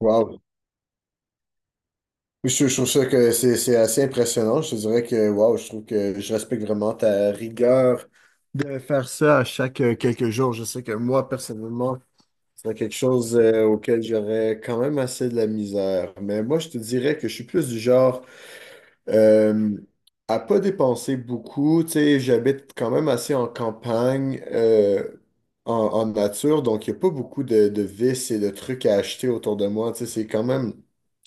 Wow. Je trouve ça que c'est assez impressionnant. Je te dirais que wow, je trouve que je respecte vraiment ta rigueur de faire ça à chaque quelques jours. Je sais que moi, personnellement, c'est quelque chose auquel j'aurais quand même assez de la misère. Mais moi, je te dirais que je suis plus du genre euh, à pas dépenser beaucoup. Tu sais, j'habite quand même assez en campagne, en nature, donc il n'y a pas beaucoup de vices et de trucs à acheter autour de moi. Tu sais, c'est quand même.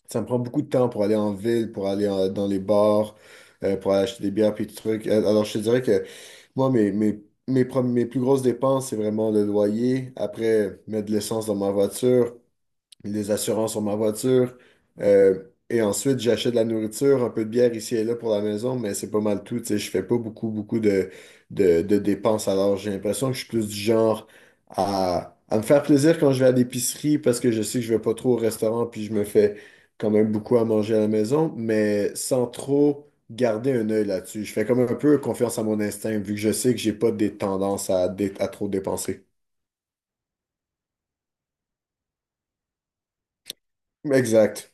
Ça me prend beaucoup de temps pour aller en ville, pour dans les bars, pour aller acheter des bières puis des trucs. Alors, je te dirais que moi, mes plus grosses dépenses, c'est vraiment le loyer. Après, mettre de l'essence dans ma voiture, les assurances sur ma voiture. Euh, et ensuite, j'achète de la nourriture, un peu de bière ici et là pour la maison, mais c'est pas mal tout. Tu sais, je fais pas beaucoup, beaucoup de dépenses. Alors, j'ai l'impression que je suis plus du genre à me faire plaisir quand je vais à l'épicerie parce que je sais que je vais pas trop au restaurant, puis je me fais quand même beaucoup à manger à la maison, mais sans trop garder un œil là-dessus. Je fais comme un peu confiance à mon instinct, vu que je sais que j'ai pas des tendances à trop dépenser. Exact.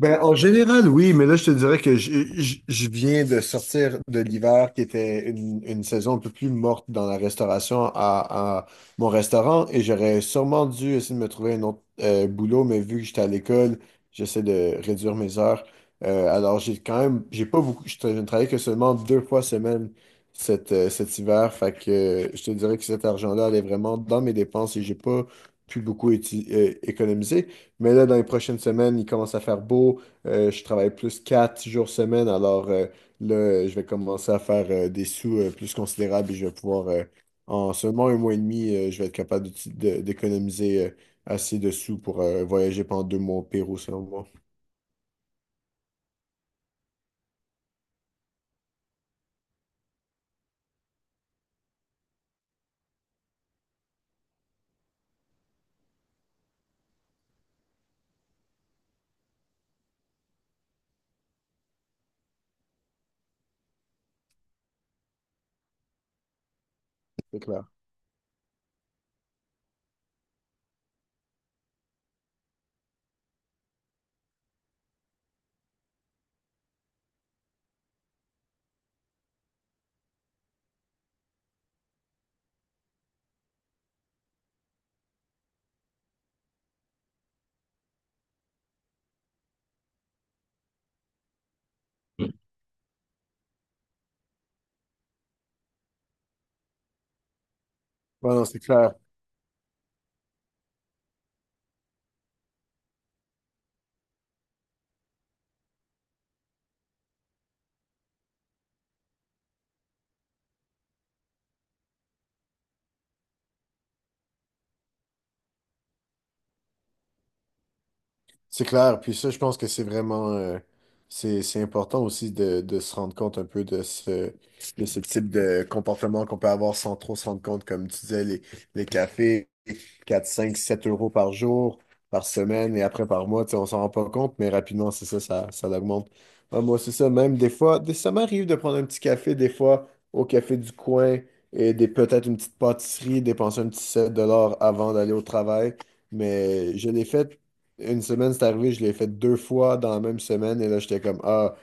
Ben, en général, oui, mais là, je te dirais que je viens de sortir de l'hiver qui était une saison un peu plus morte dans la restauration à mon restaurant et j'aurais sûrement dû essayer de me trouver un autre boulot, mais vu que j'étais à l'école, j'essaie de réduire mes heures. Alors, j'ai quand même, j'ai pas beaucoup, je ne travaille que seulement deux fois semaine cet hiver, fait que je te dirais que cet argent-là allait vraiment dans mes dépenses et j'ai pas pu beaucoup économiser. Mais là, dans les prochaines semaines, il commence à faire beau. Je travaille plus 4 jours semaine. Je vais commencer à faire des sous plus considérables et je vais pouvoir, en seulement un mois et demi, je vais être capable d'économiser assez de sous pour voyager pendant 2 mois au Pérou, selon moi. C'est clair. Ouais, non, c'est clair. C'est clair. Puis ça, je pense que c'est vraiment, c'est important aussi de se rendre compte un peu de ce type de comportement qu'on peut avoir sans trop se rendre compte, comme tu disais, les cafés, 4, 5, 7 euros par jour, par semaine et après par mois, tu sais, on s'en rend pas compte, mais rapidement, c'est ça, ça l'augmente. Ouais, moi, c'est ça, même des fois, ça m'arrive de prendre un petit café, des fois, au café du coin et peut-être une petite pâtisserie, dépenser un petit 7 $ avant d'aller au travail. Mais je l'ai fait une semaine, c'est arrivé, je l'ai fait deux fois dans la même semaine. Et là, j'étais comme, ah,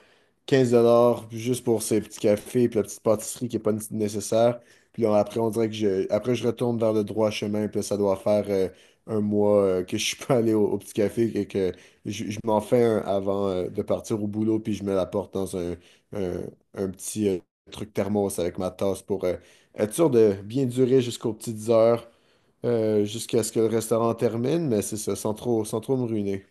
15 $ juste pour ces petits cafés puis la petite pâtisserie qui n'est pas nécessaire. Puis là, après, on dirait que je, après, je retourne vers le droit chemin. Puis là, ça doit faire un mois que je suis pas allé au petit café et que je m'en fais un avant de partir au boulot. Puis je me la porte dans un, un petit truc thermos avec ma tasse pour être sûr de bien durer jusqu'aux petites heures, jusqu'à ce que le restaurant termine. Mais c'est ça, sans trop me ruiner.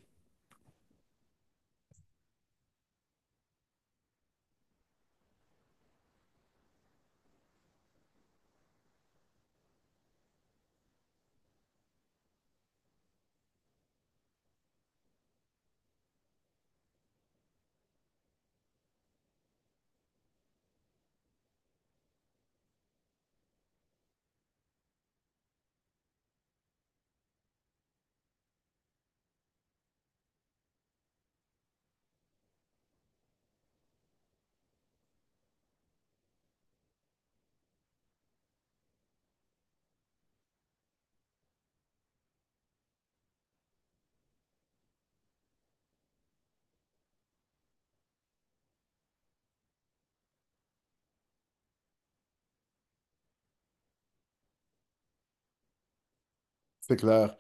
C'est clair.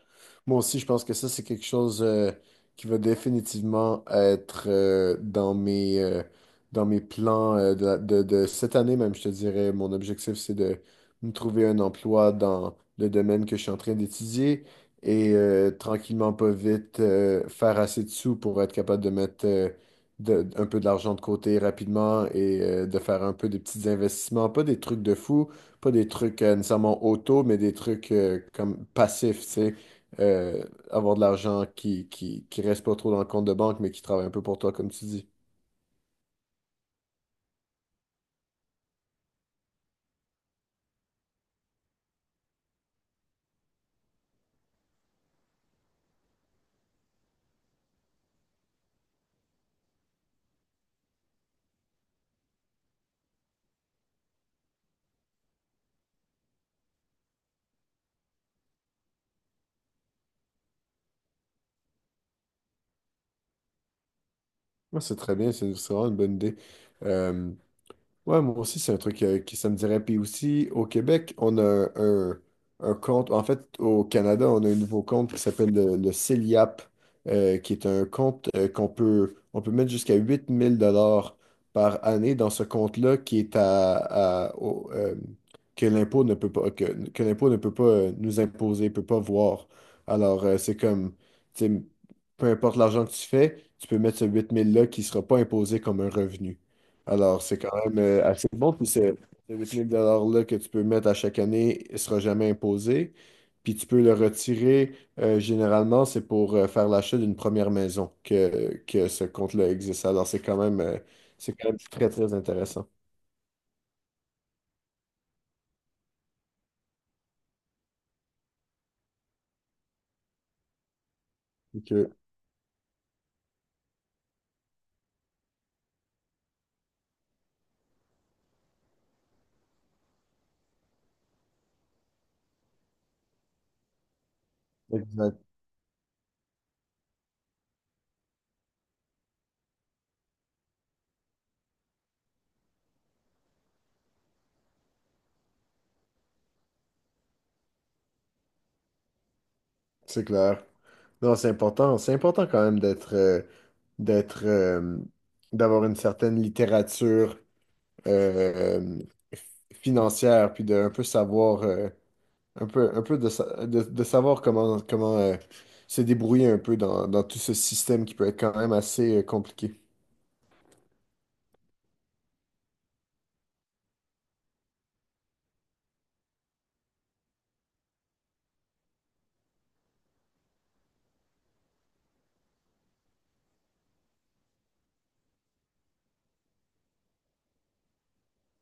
Moi aussi, je pense que ça, c'est quelque chose qui va définitivement être dans mes plans de cette année même, je te dirais. Mon objectif, c'est de me trouver un emploi dans le domaine que je suis en train d'étudier et tranquillement, pas vite, faire assez de sous pour être capable de mettre un peu de l'argent de côté rapidement et de faire un peu des petits investissements, pas des trucs de fou, pas des trucs nécessairement auto, mais des trucs comme passifs, tu sais. Euh, Avoir de l'argent qui reste pas trop dans le compte de banque, mais qui travaille un peu pour toi, comme tu dis. Moi, c'est très bien, c'est vraiment une bonne idée. Euh, Ouais, moi aussi, c'est un truc qui ça me dirait. Puis aussi, au Québec, on a compte. En fait, au Canada, on a un nouveau compte qui s'appelle le CELIAP, qui est un compte on peut mettre jusqu'à 8 000 $ par année dans ce compte-là qui est à- au- euh, que l'impôt ne peut pas, que l'impôt ne peut pas nous imposer, peut pas voir. Alors, c'est comme, tu sais, peu importe l'argent que tu fais, tu peux mettre ce 8 000 $-là qui ne sera pas imposé comme un revenu. Alors, c'est quand même assez bon. Puis c'est ce 8 000 $-là que tu peux mettre à chaque année, il ne sera jamais imposé. Puis tu peux le retirer. Généralement, c'est pour faire l'achat d'une première maison que ce compte-là existe. Alors, c'est quand même très, très intéressant. Ok, Exact. C'est clair. Non, c'est important. C'est important quand même d'être, euh, d'avoir une certaine littérature euh, euh, financière, puis de un peu savoir. Un peu de savoir comment se débrouiller un peu dans tout ce système qui peut être quand même assez compliqué.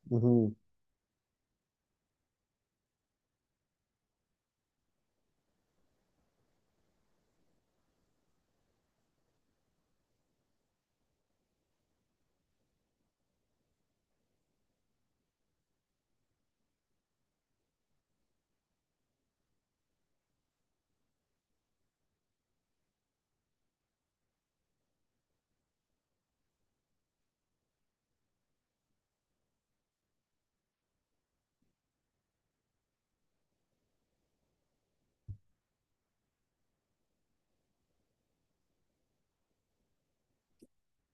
Mhm.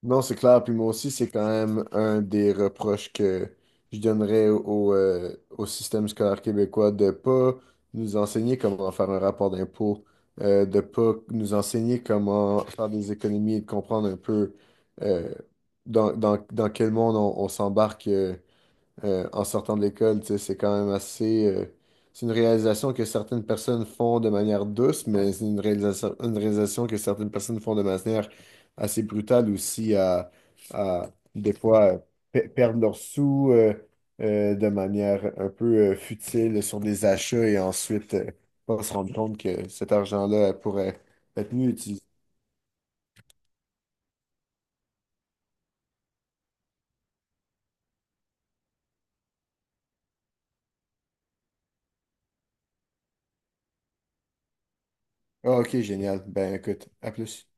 Non, c'est clair. Puis moi aussi, c'est quand même un des reproches que je donnerais au système scolaire québécois de pas nous enseigner comment faire un rapport d'impôt, de pas nous enseigner comment faire des économies et de comprendre un peu euh, dans quel monde on s'embarque. En sortant de l'école. Tu sais, c'est quand même assez. C'est une réalisation que certaines personnes font de manière douce, mais c'est une réalisation que certaines personnes font de manière assez brutale aussi à des fois perdre leurs sous de manière un peu futile sur des achats et ensuite pas se rendre compte que cet argent-là pourrait être mieux utilisé. Ah, ok, génial. Ben écoute, à plus.